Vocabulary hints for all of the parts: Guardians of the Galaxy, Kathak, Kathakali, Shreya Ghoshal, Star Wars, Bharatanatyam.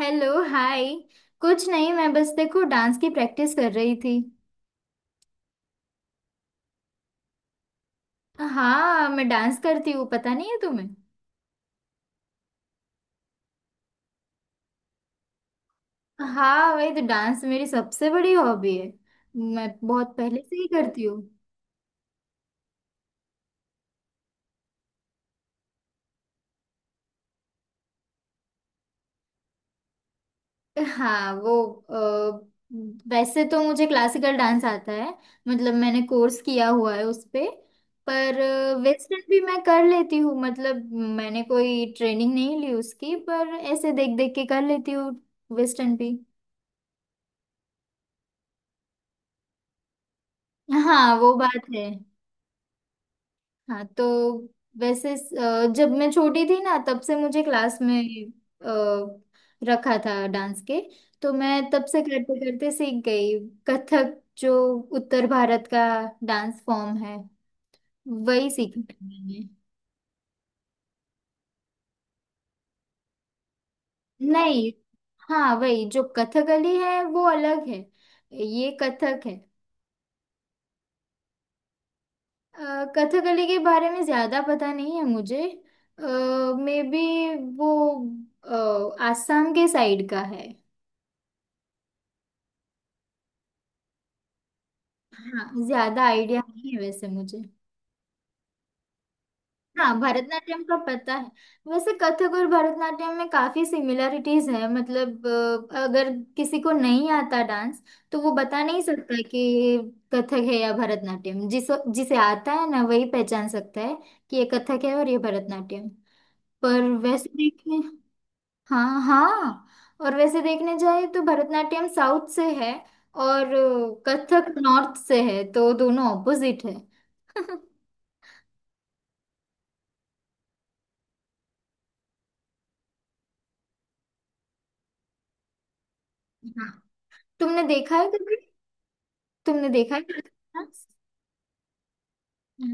Hello hi. कुछ नहीं, मैं बस देखो डांस की प्रैक्टिस कर रही थी। हाँ, मैं डांस करती हूँ, पता नहीं है तुम्हें। हाँ वही तो डांस मेरी सबसे बड़ी हॉबी है, मैं बहुत पहले से ही करती हूँ। हाँ वो अ, वैसे तो मुझे क्लासिकल डांस आता है, मतलब मैंने कोर्स किया हुआ है उस पे। पर वेस्टर्न भी मैं कर लेती हूँ, मतलब मैंने कोई ट्रेनिंग नहीं ली उसकी, पर ऐसे देख देख के कर लेती हूँ वेस्टर्न भी। हाँ वो बात है। हाँ तो वैसे जब मैं छोटी थी ना, तब से मुझे क्लास में रखा था डांस के, तो मैं तब से करते करते सीख गई। कथक जो उत्तर भारत का डांस फॉर्म है, वही सीखा था मैंने। नहीं, हाँ वही जो कथकली है वो अलग है, ये कथक है। कथकली के बारे में ज्यादा पता नहीं है मुझे। मे बी वो आसाम के साइड का है। हाँ, ज्यादा आइडिया नहीं है वैसे मुझे। हाँ भरतनाट्यम का पता है। वैसे कथक और भरतनाट्यम में काफी सिमिलरिटीज है, मतलब अगर किसी को नहीं आता डांस, तो वो बता नहीं सकता कि ये कथक है या भरतनाट्यम। जिसे आता है ना, वही पहचान सकता है कि ये कथक है और ये भरतनाट्यम। पर वैसे देखें। हाँ हाँ। और वैसे देखने जाए तो भरतनाट्यम साउथ से है, और कथक नॉर्थ से है, तो दोनों ऑपोजिट है। हाँ, तुमने देखा है कभी? तुमने देखा है कभी?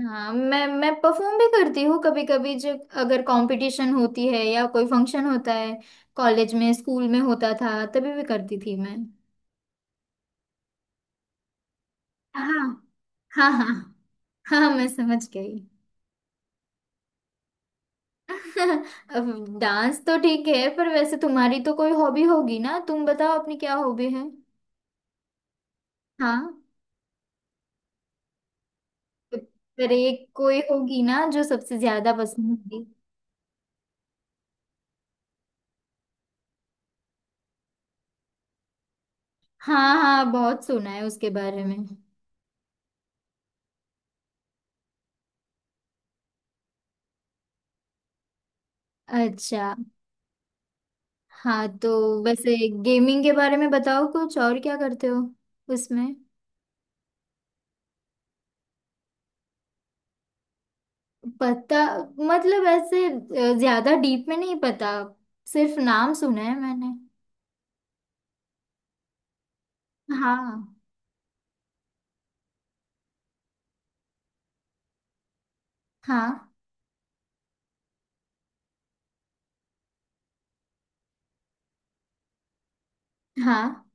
हाँ, मैं परफॉर्म भी करती हूँ कभी कभी, जब अगर कंपटीशन होती है या कोई फंक्शन होता है। कॉलेज में, स्कूल में होता था तभी भी करती थी मैं। हाँ हाँ हाँ। हाँ हाँ, मैं समझ गई। अब डांस तो ठीक है, पर वैसे तुम्हारी तो कोई हॉबी होगी ना, तुम बताओ अपनी क्या हॉबी है। हाँ। पर एक कोई होगी ना जो सबसे ज्यादा पसंद होगी। हाँ हाँ, बहुत सुना है उसके बारे में। अच्छा। हाँ तो वैसे गेमिंग के बारे में बताओ, कुछ और क्या करते हो उसमें। पता, मतलब ऐसे ज्यादा डीप में नहीं पता, सिर्फ नाम सुना है मैंने। हाँ। हाँ हाँ।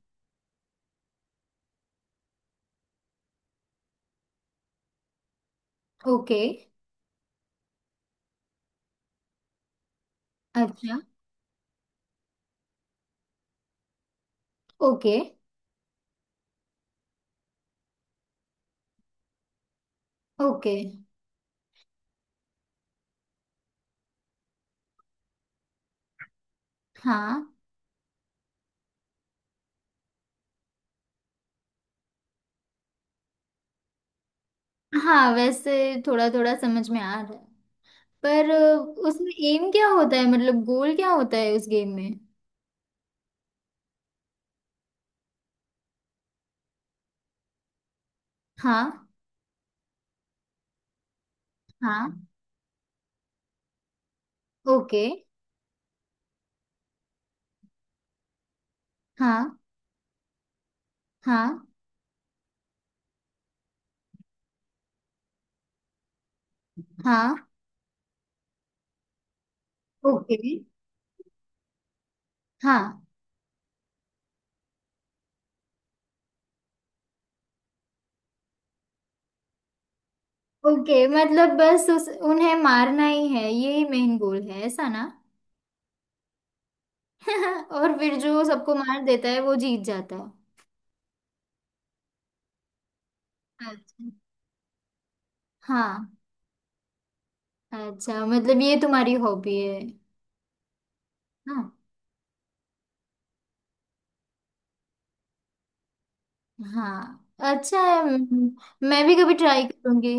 ओके। अच्छा। Okay okay. हाँ हाँ, वैसे थोड़ा थोड़ा समझ में आ रहा है, पर उसमें एम क्या होता है, मतलब गोल क्या होता है उस गेम में। हाँ। हाँ ओके। हाँ हाँ हाँ। ओके। हाँ। ओके, मतलब बस उस उन्हें मारना ही है, यही मेन गोल है ऐसा ना। और फिर जो सबको मार देता है वो जीत जाता है। अच्छा। हाँ। अच्छा मतलब ये तुम्हारी हॉबी है। हाँ। हाँ अच्छा है म-, मैं भी कभी ट्राई करूंगी।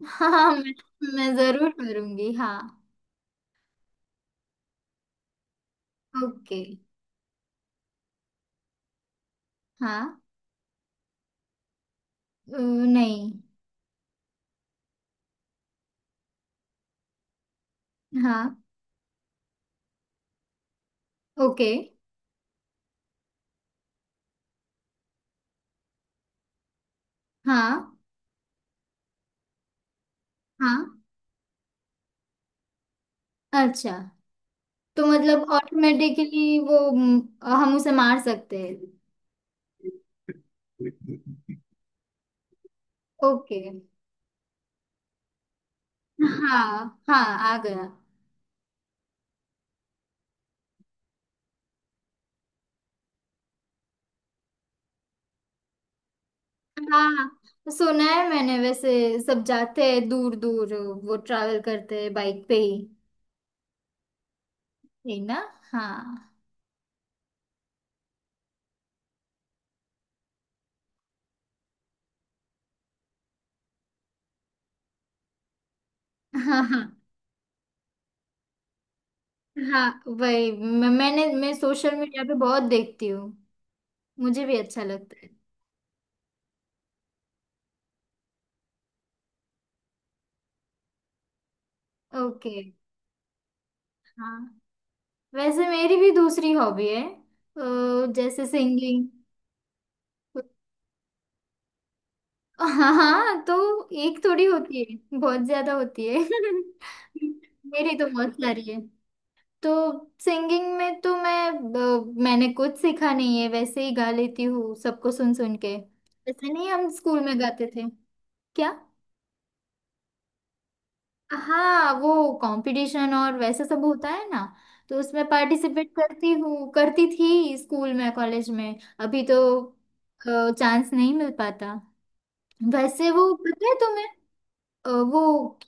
हाँ, मैं जरूर करूंगी हाँ। ओके। हाँ। नहीं। हाँ। ओके। हाँ हाँ, अच्छा तो मतलब ऑटोमेटिकली वो म-, हम उसे मार सकते हैं। ओके। हाँ हाँ, आ गया। हाँ सुना है मैंने, वैसे सब जाते हैं दूर दूर, वो ट्रैवल करते हैं बाइक पे ही। है ना। हाँ। हाँ हाँ। हाँ वही म-, मैं सोशल मीडिया पे बहुत देखती हूँ, मुझे भी अच्छा लगता है। ओके। हाँ, वैसे मेरी भी दूसरी हॉबी है, जैसे सिंगिंग। हाँ हाँ, तो एक थोड़ी होती है, बहुत ज्यादा होती है। मेरी तो बहुत सारी है, तो सिंगिंग में तो मैं मैंने कुछ सीखा नहीं है, वैसे ही गा लेती हूँ सबको सुन सुन के। ऐसे नहीं हम स्कूल में गाते थे। क्या? हाँ, वो कंपटीशन और वैसे सब होता है ना, तो उसमें पार्टिसिपेट करती हूँ, करती थी स्कूल में कॉलेज में, अभी तो चांस नहीं मिल पाता। वैसे वो पता है तुम्हें। वो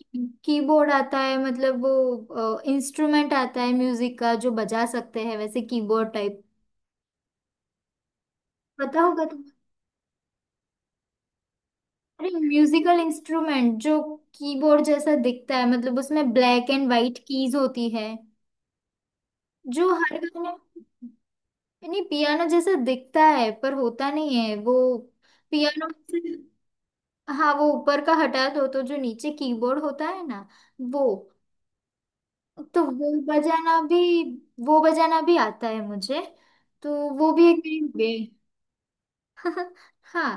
कीबोर्ड आता है, मतलब वो इंस्ट्रूमेंट आता है म्यूजिक का जो बजा सकते हैं, वैसे कीबोर्ड टाइप। पता होगा तुम्हें, अरे म्यूजिकल इंस्ट्रूमेंट जो कीबोर्ड जैसा दिखता है, मतलब उसमें ब्लैक एंड वाइट कीज होती है, जो हर गाने। नहीं, पियानो जैसा दिखता है पर होता नहीं है वो, पियानो से-। हाँ वो ऊपर का हटा दो तो जो नीचे कीबोर्ड होता है ना, वो। तो वो बजाना भी आता है मुझे, तो वो भी एक मेरी बे। हाँ,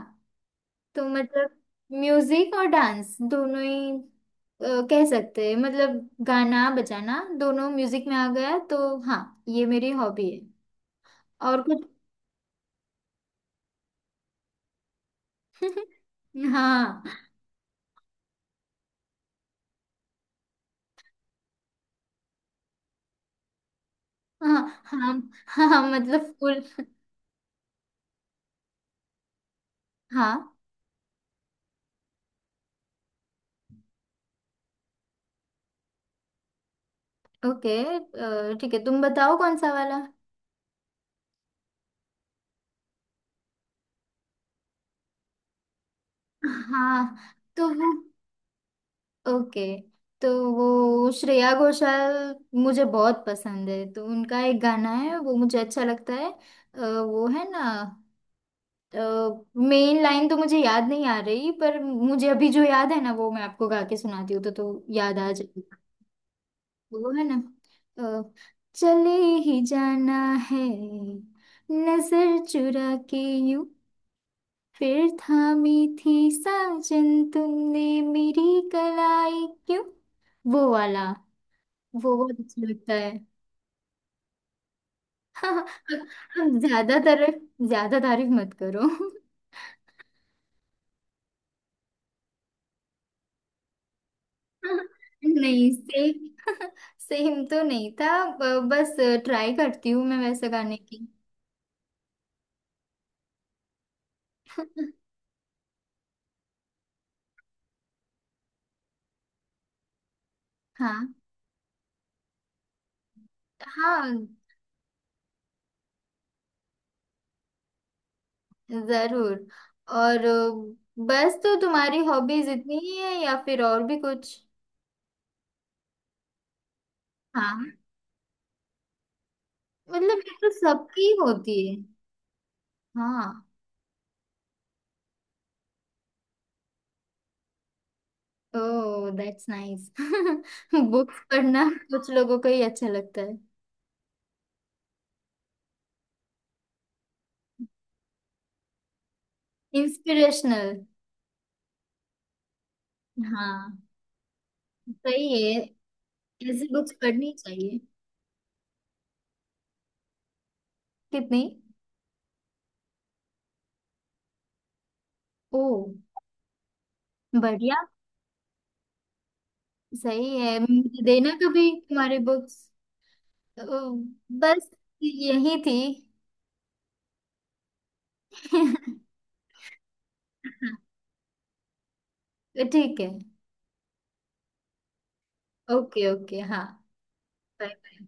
तो मतलब म्यूजिक और डांस दोनों ही कह सकते हैं, मतलब गाना बजाना दोनों म्यूजिक में आ गया, तो हाँ ये मेरी हॉबी है। और कुछ। हाँ हाँ हाँ। हाँ हाँ, मतलब फुल। हाँ ओके ठीक है, तुम बताओ कौन सा वाला। हाँ तो वो। ओके तो वो श्रेया घोषाल मुझे बहुत पसंद है, तो उनका एक गाना है वो मुझे अच्छा लगता है, वो है ना। मेन लाइन तो मुझे याद नहीं आ रही, पर मुझे अभी जो याद है ना वो मैं आपको गा के सुनाती हूँ तो याद आ जाए। वो है ना अ, चले ही जाना है नजर चुरा के, यूं फिर थामी थी साजन तुमने मेरी कलाई क्यों। वो वाला, वो बहुत अच्छा लगता है। हाँ, हाँ। अब ज्यादा तारीफ मत करो। नहीं, सेम सेम तो नहीं था, ब-, बस ट्राई करती हूँ मैं वैसे गाने की। हाँ हाँ, जरूर। और बस तो तुम्हारी हॉबीज इतनी ही है या फिर और भी कुछ। हाँ, मतलब ये तो सबकी होती है। हाँ। Oh that's nice. बुक्स पढ़ना कुछ लोगों को ही अच्छा लगता है। इंस्पिरेशनल। हाँ। सही है, ऐसी बुक्स पढ़नी चाहिए। कितनी? ओ, बढ़िया। सही है, मुझे देना कभी तुम्हारी बुक्स। बस यही थी। ठीक है। ओके ओके हाँ। Bye bye.